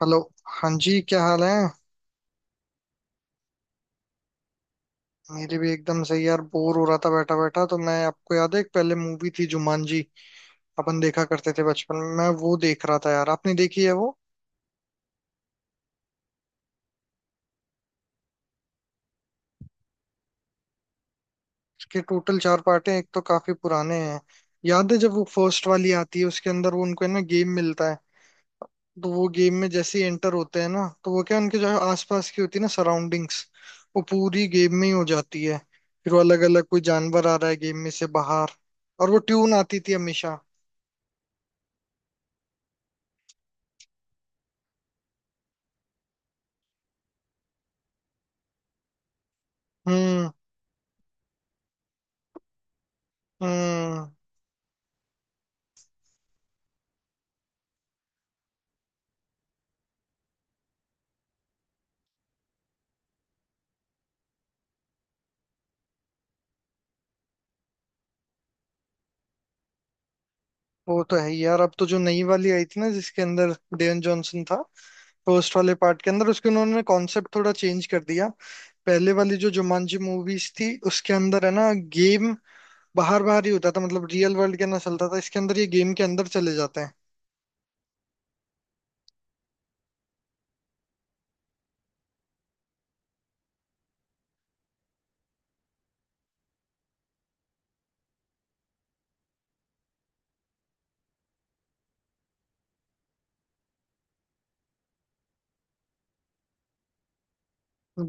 Hello. हाँ जी, क्या हाल है? मेरे भी एकदम सही यार। बोर हो रहा था बैठा बैठा तो मैं आपको याद है एक पहले मूवी थी जुमानजी, अपन देखा करते थे बचपन में। मैं वो देख रहा था यार, आपने देखी है वो? उसके टोटल चार पार्ट हैं, एक तो काफी पुराने हैं। याद है जब वो फर्स्ट वाली आती है, उसके अंदर वो उनको है ना गेम मिलता है। तो वो गेम में जैसे ही एंटर होते हैं ना, तो वो क्या उनके जो आसपास की होती है ना सराउंडिंग्स, वो पूरी गेम में ही हो जाती है। फिर वो अलग अलग कोई जानवर आ रहा है गेम में से बाहर। और वो ट्यून आती थी हमेशा। हम्म हम्म। वो तो है ही यार। अब तो जो नई वाली आई थी ना जिसके अंदर डेन जॉनसन था, फर्स्ट वाले पार्ट के अंदर उसके उन्होंने कॉन्सेप्ट थोड़ा चेंज कर दिया। पहले वाली जो जुमांजी मूवीज थी उसके अंदर है ना गेम बाहर बाहर ही होता था, मतलब रियल वर्ल्ड के अंदर चलता था। इसके अंदर ये गेम के अंदर चले जाते हैं।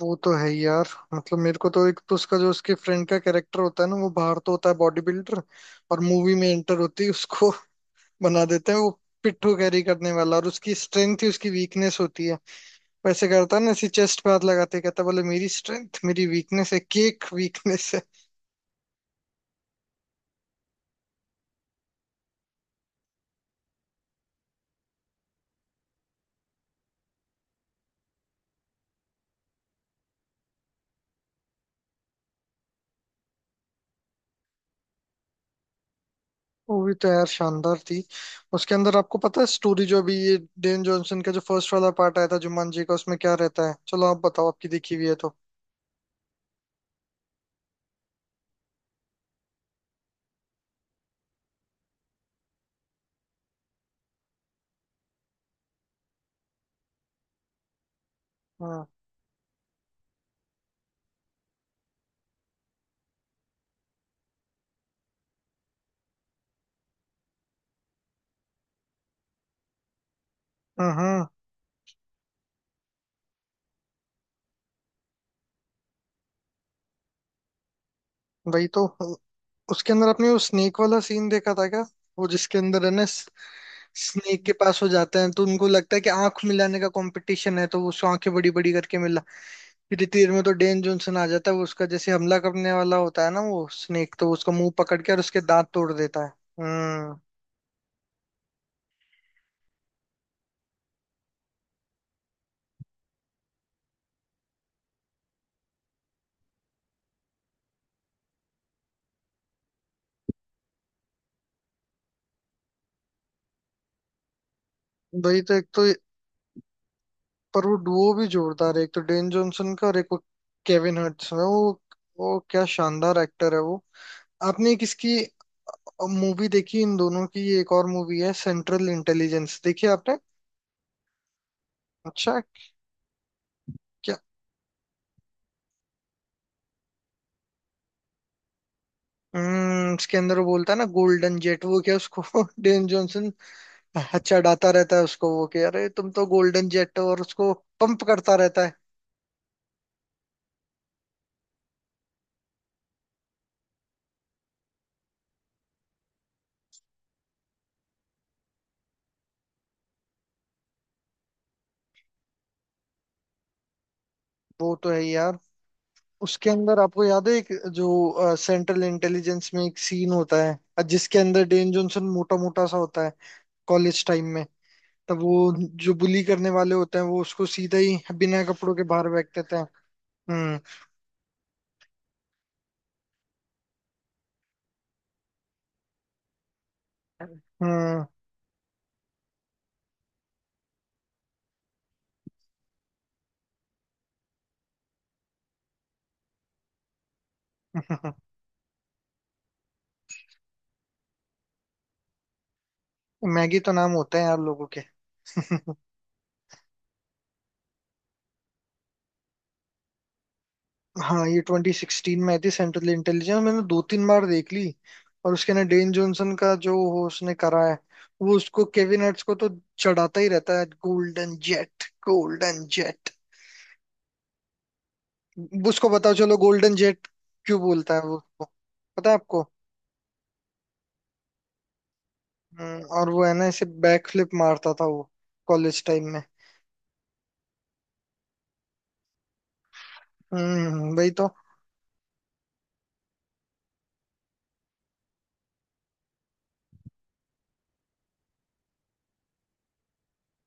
वो तो है ही यार। मतलब मेरे को तो एक तो उसका जो उसके फ्रेंड का कैरेक्टर होता है ना, वो बाहर तो होता है बॉडी बिल्डर, और मूवी में एंटर होती है उसको बना देते हैं वो पिट्ठू कैरी करने वाला। और उसकी स्ट्रेंथ ही उसकी वीकनेस होती है। वैसे करता है ना ऐसी चेस्ट पे हाथ लगाते ही कहता है, बोले मेरी स्ट्रेंथ मेरी वीकनेस है, केक वीकनेस है। वो भी तो यार शानदार थी। उसके अंदर आपको पता है स्टोरी जो अभी ये डेन जॉनसन का जो फर्स्ट वाला पार्ट आया था जुmanji का, उसमें क्या रहता है? चलो आप बताओ, आपकी देखी हुई है तो। हाँ। हम्म। वही तो। उसके अंदर आपने वो स्नेक वाला सीन देखा था क्या? वो जिसके अंदर है ना स्नेक के पास हो जाते हैं तो उनको लगता है कि आंख मिलाने का कंपटीशन है, तो वो उसको आंखें बड़ी बड़ी करके मिला। फिर तीर में तो डेन जॉनसन आ जाता है, वो उसका जैसे हमला करने वाला होता है ना वो स्नेक, तो उसका मुंह पकड़ के और उसके दांत तोड़ देता है। हम्म। वही तो। एक तो पर वो डुओ भी जोरदार है, एक तो डेन जॉनसन का और एक वो केविन हर्ट्स में वो क्या शानदार एक्टर है वो। आपने एक इसकी मूवी देखी इन दोनों की? ये एक और मूवी है सेंट्रल इंटेलिजेंस, देखी आपने? अच्छा। क्या? हम्म। इसके अंदर वो बोलता है ना गोल्डन जेट, वो क्या उसको डेन जॉनसन, हाँ, चढ़ाता रहता है उसको वो कि अरे तुम तो गोल्डन जेट हो, और उसको पंप करता रहता है। वो तो है ही यार। उसके अंदर आपको याद है एक जो सेंट्रल इंटेलिजेंस में एक सीन होता है जिसके अंदर डेन जॉनसन मोटा मोटा सा होता है कॉलेज टाइम में। तब वो जो बुली करने वाले होते हैं वो उसको सीधा ही बिना कपड़ों के बाहर फेंक देते हैं। हम्म। हम्म। मैगी तो नाम होते हैं यार लोगों। हाँ, ये 2016 में आई थी सेंट्रल इंटेलिजेंस, मैंने दो तीन बार देख ली। और उसके ना डेन जॉनसन का जो वो उसने करा है, वो उसको केविन हार्ट्स को तो चढ़ाता ही रहता है, गोल्डन जेट गोल्डन जेट। उसको बताओ चलो गोल्डन जेट। क्यों बोलता है वो उसको, पता है आपको? और वो है ना ऐसे बैक फ्लिप मारता था वो कॉलेज टाइम में। हम्म, वही तो।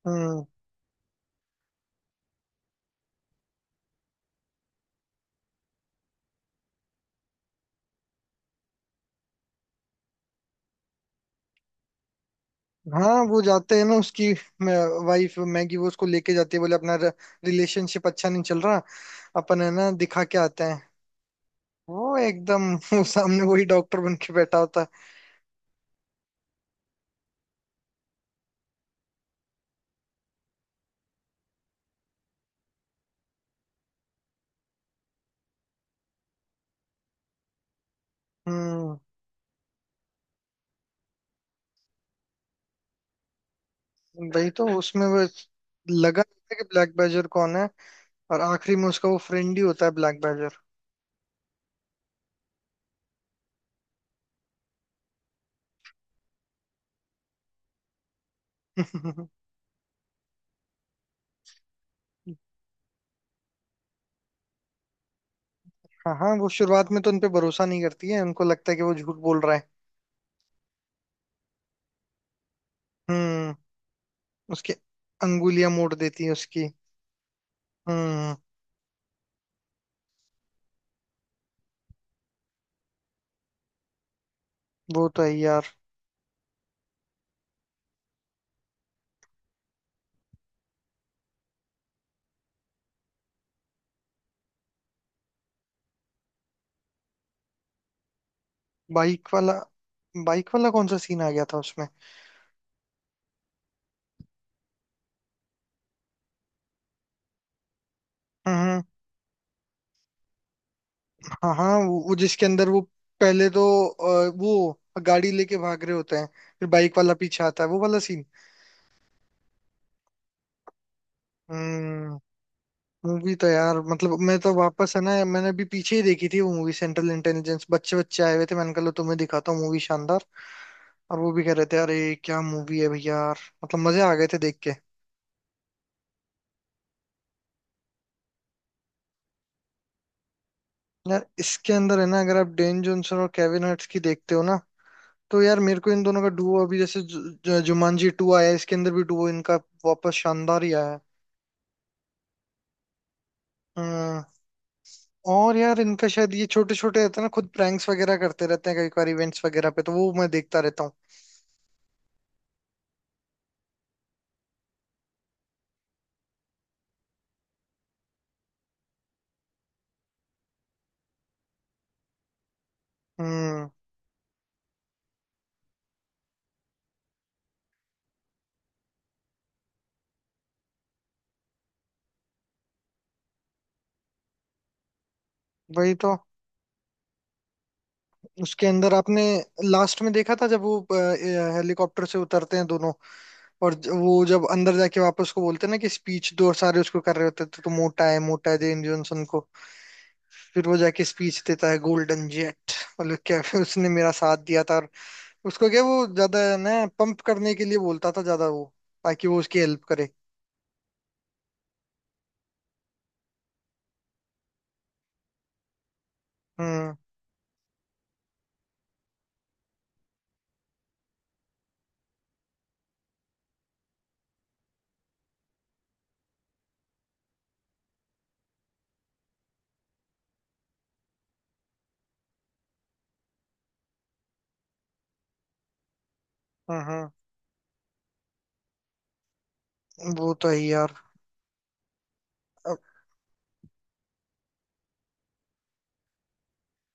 हम्म। हाँ वो जाते हैं ना उसकी वाइफ मैगी वो उसको लेके जाती है, बोले अपना रिलेशनशिप अच्छा नहीं चल रहा, अपन है ना दिखा के आते हैं। वो एकदम वो सामने वही डॉक्टर बन के बैठा होता है। हम्म। वही तो। उसमें वो लगा रहता है कि ब्लैक बैजर कौन है, और आखिरी में उसका वो फ्रेंड ही होता है ब्लैक बैजर। हाँ हाँ, वो शुरुआत में तो उनपे भरोसा नहीं करती है, उनको लगता है कि वो झूठ बोल रहा है। हम्म। उसकी अंगुलियां मोड़ देती है उसकी। हम्म। वो तो है यार। बाइक वाला, बाइक वाला कौन सा सीन आ गया था उसमें? हम्म। हाँ हाँ, वो जिसके अंदर वो पहले तो, वो गाड़ी लेके भाग रहे होते हैं, फिर बाइक वाला पीछे आता है वो वाला सीन। हम्म। मूवी तो यार मतलब मैं तो वापस है ना, मैंने अभी पीछे ही देखी थी वो मूवी सेंट्रल इंटेलिजेंस। बच्चे बच्चे आए हुए थे, मैंने कहा लो तुम्हें दिखाता हूँ मूवी शानदार। और वो भी कह रहे थे, अरे क्या मूवी है भैया यार। मतलब मजे आ गए थे देख के। यार इसके अंदर है ना, अगर आप डेन जॉनसन और केविन हर्ट्स की देखते हो ना, तो यार मेरे को इन दोनों का डुओ, अभी जैसे जु, जु, जुमांजी टू आया है, इसके अंदर भी डुओ इनका वापस शानदार ही आया है। हम्म। और यार इनका शायद ये छोटे छोटे रहते हैं ना खुद, प्रैंक्स वगैरह करते रहते हैं कई बार इवेंट्स वगैरह पे, तो वो मैं देखता रहता हूँ। हम्म। वही तो। उसके अंदर आपने लास्ट में देखा था जब वो हेलीकॉप्टर से उतरते हैं दोनों, और ज- वो जब अंदर जाके वापस उसको बोलते हैं ना कि स्पीच दो, और सारे उसको कर रहे होते थे तो मोटा है जेन जॉनसन को। फिर वो जाके स्पीच देता है गोल्डन जेट। मतलब क्या उसने मेरा साथ दिया था, और उसको क्या वो ज्यादा ना पंप करने के लिए बोलता था ज्यादा वो, ताकि वो उसकी हेल्प करे। हम्म हम्म। वो तो है ही यार। अब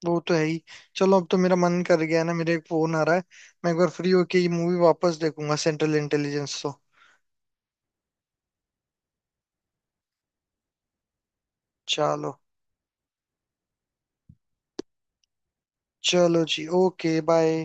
वो तो है ही। चलो, अब तो मेरा मन कर गया है ना, मेरे एक फोन आ रहा है, मैं एक बार फ्री होके ये मूवी वापस देखूंगा सेंट्रल इंटेलिजेंस तो। चलो। चलो जी, ओके बाय।